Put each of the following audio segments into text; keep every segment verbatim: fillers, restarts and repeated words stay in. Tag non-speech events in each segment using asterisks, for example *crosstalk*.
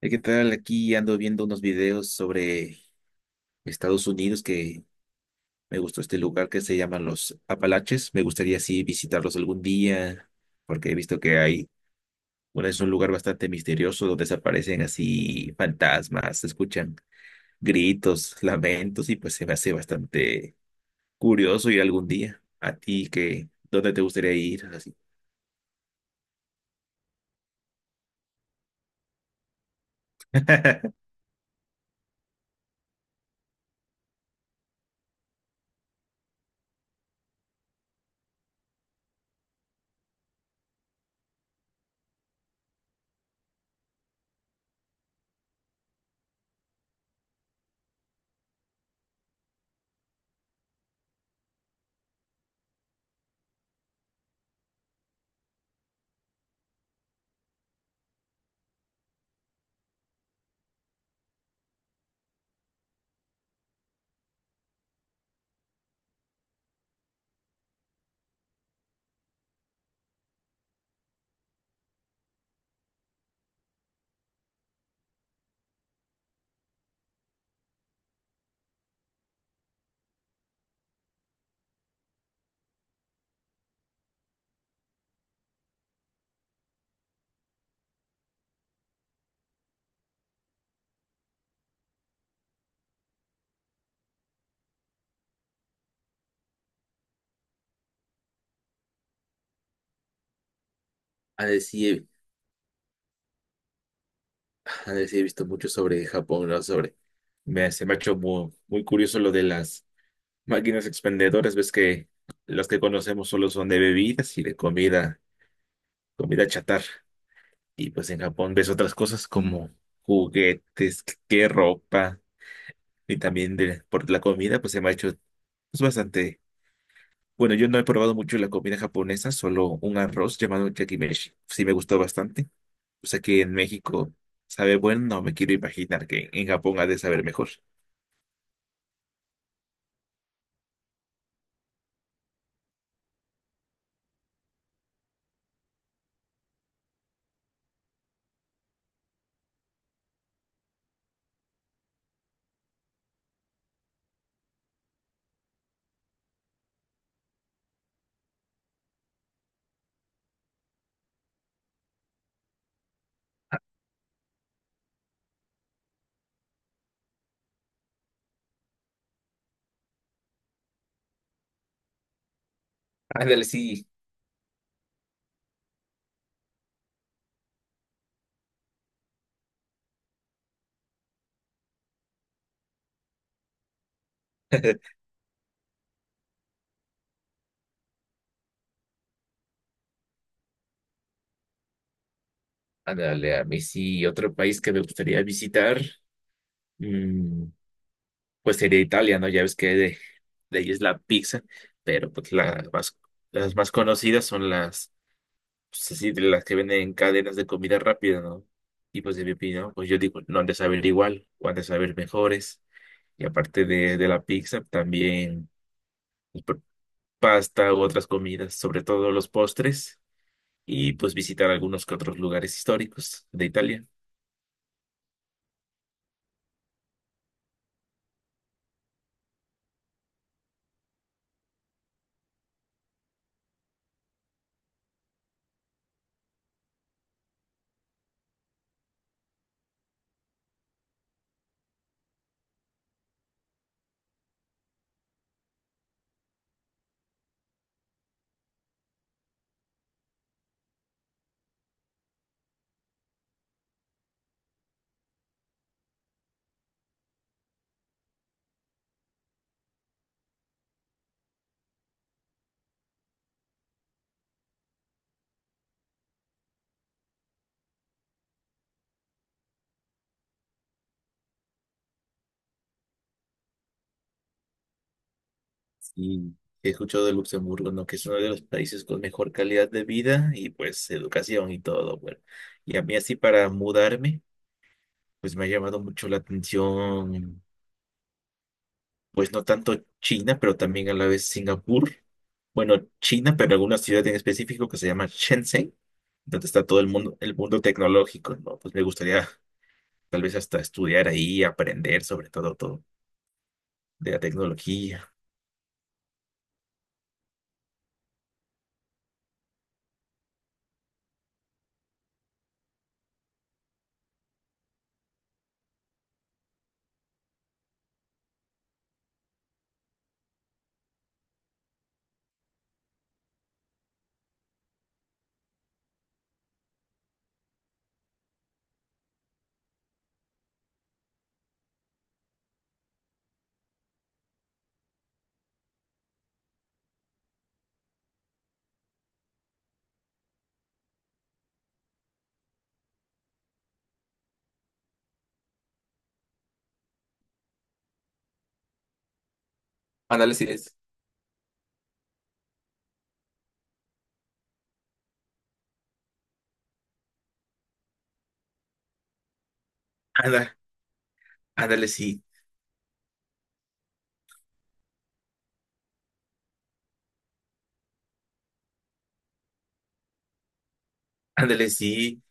Eh, ¿Qué tal? Aquí ando viendo unos videos sobre Estados Unidos que me gustó este lugar que se llama los Apalaches. Me gustaría sí visitarlos algún día porque he visto que hay, bueno, es un lugar bastante misterioso donde desaparecen así fantasmas, se escuchan gritos, lamentos y pues se me hace bastante curioso ir algún día. ¿A ti qué? ¿Dónde te gustaría ir? Así. *laughs* A decir, a decir, he visto mucho sobre Japón, ¿no? Sobre, me, se me ha hecho muy, muy curioso lo de las máquinas expendedoras. Ves que las que conocemos solo son de bebidas y de comida, comida chatarra. Y pues en Japón ves otras cosas como juguetes, que que ropa, y también de, por la comida, pues se me ha hecho pues, bastante. Bueno, yo no he probado mucho la comida japonesa, solo un arroz llamado yakimeshi. Sí me gustó bastante. O sea que en México sabe bueno, no me quiero imaginar que en Japón ha de saber mejor. Ándale, sí. *laughs* Ándale, a mí sí, otro país que me gustaría visitar. Pues sería Italia, ¿no? Ya ves que de, de ahí es la pizza, pero pues la más, las más conocidas son las, pues así, de las que venden en cadenas de comida rápida, ¿no? Y pues de mi opinión, pues yo digo, no han de saber igual, o han de saber mejores. Y aparte de, de la pizza, también pues, pr- pasta u otras comidas, sobre todo los postres, y pues visitar algunos que otros lugares históricos de Italia. Y he escuchado de Luxemburgo, ¿no? Que es uno de los países con mejor calidad de vida y pues educación y todo, bueno. Y a mí así para mudarme, pues me ha llamado mucho la atención, pues no tanto China, pero también a la vez Singapur. Bueno, China, pero alguna ciudad en específico que se llama Shenzhen, donde está todo el mundo, el mundo tecnológico, ¿no? Pues me gustaría tal vez hasta estudiar ahí, aprender sobre todo todo de la tecnología. Ándale, sí es. Ándale, ándale, sí. Ándale, sí.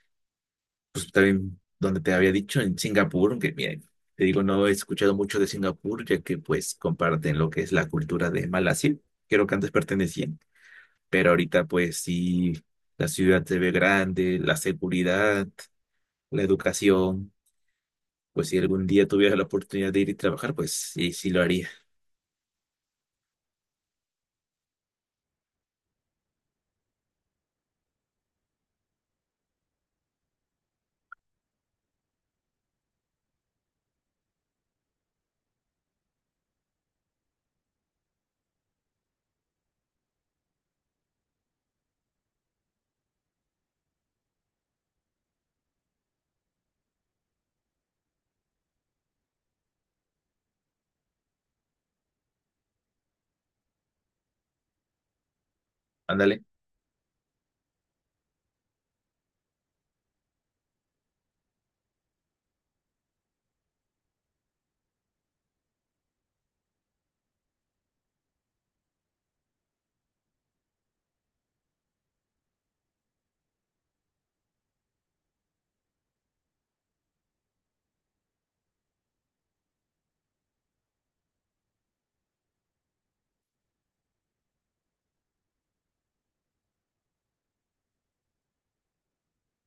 Pues también donde te había dicho, en Singapur, que miren, te digo, no he escuchado mucho de Singapur, ya que pues comparten lo que es la cultura de Malasia, creo que antes pertenecían, pero ahorita pues sí, la ciudad se ve grande, la seguridad, la educación, pues si algún día tuviera la oportunidad de ir y trabajar, pues sí, sí lo haría. Ándale,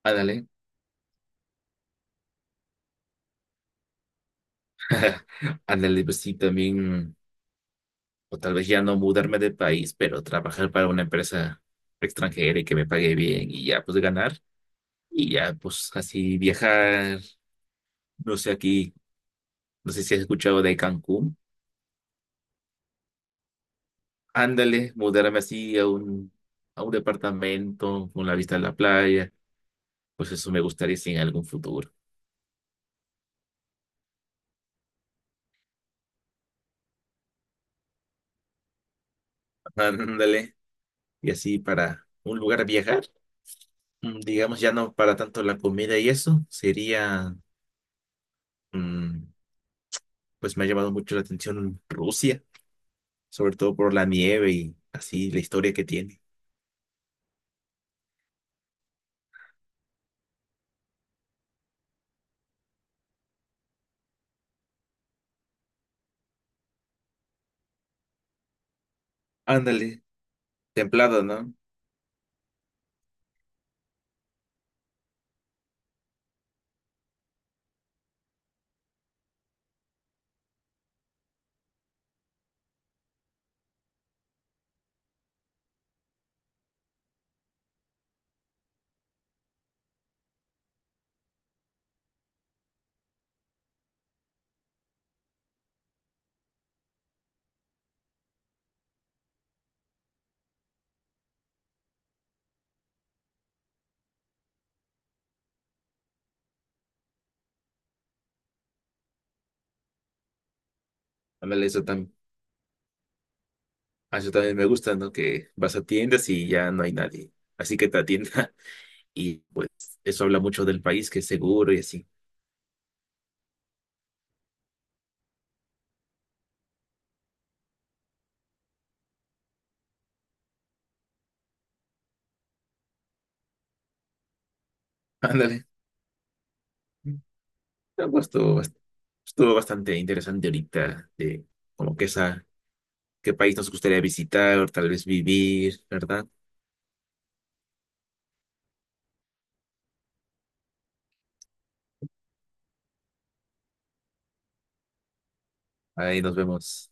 ándale, *laughs* ándale, pues sí, también, o tal vez ya no mudarme de país, pero trabajar para una empresa extranjera y que me pague bien y ya pues ganar. Y ya, pues así viajar, no sé aquí, no sé si has escuchado de Cancún. Ándale, mudarme así a un, a un departamento con la vista a la playa. Pues eso me gustaría sí, en algún futuro. Ándale, y así para un lugar a viajar, mm, digamos ya no para tanto la comida y eso, sería, mm, pues me ha llamado mucho la atención Rusia, sobre todo por la nieve y así la historia que tiene. Ándale, templado, ¿no? Ándale, eso. Ah, eso también me gusta, ¿no? Que vas a tiendas y ya no hay nadie. Así que te atienda *laughs* y pues eso habla mucho del país, que es seguro y así. *laughs* Ándale. No, pues, Estuvo, bast- estuvo bastante interesante ahorita de como que esa, qué país nos gustaría visitar o tal vez vivir, ¿verdad? Ahí nos vemos.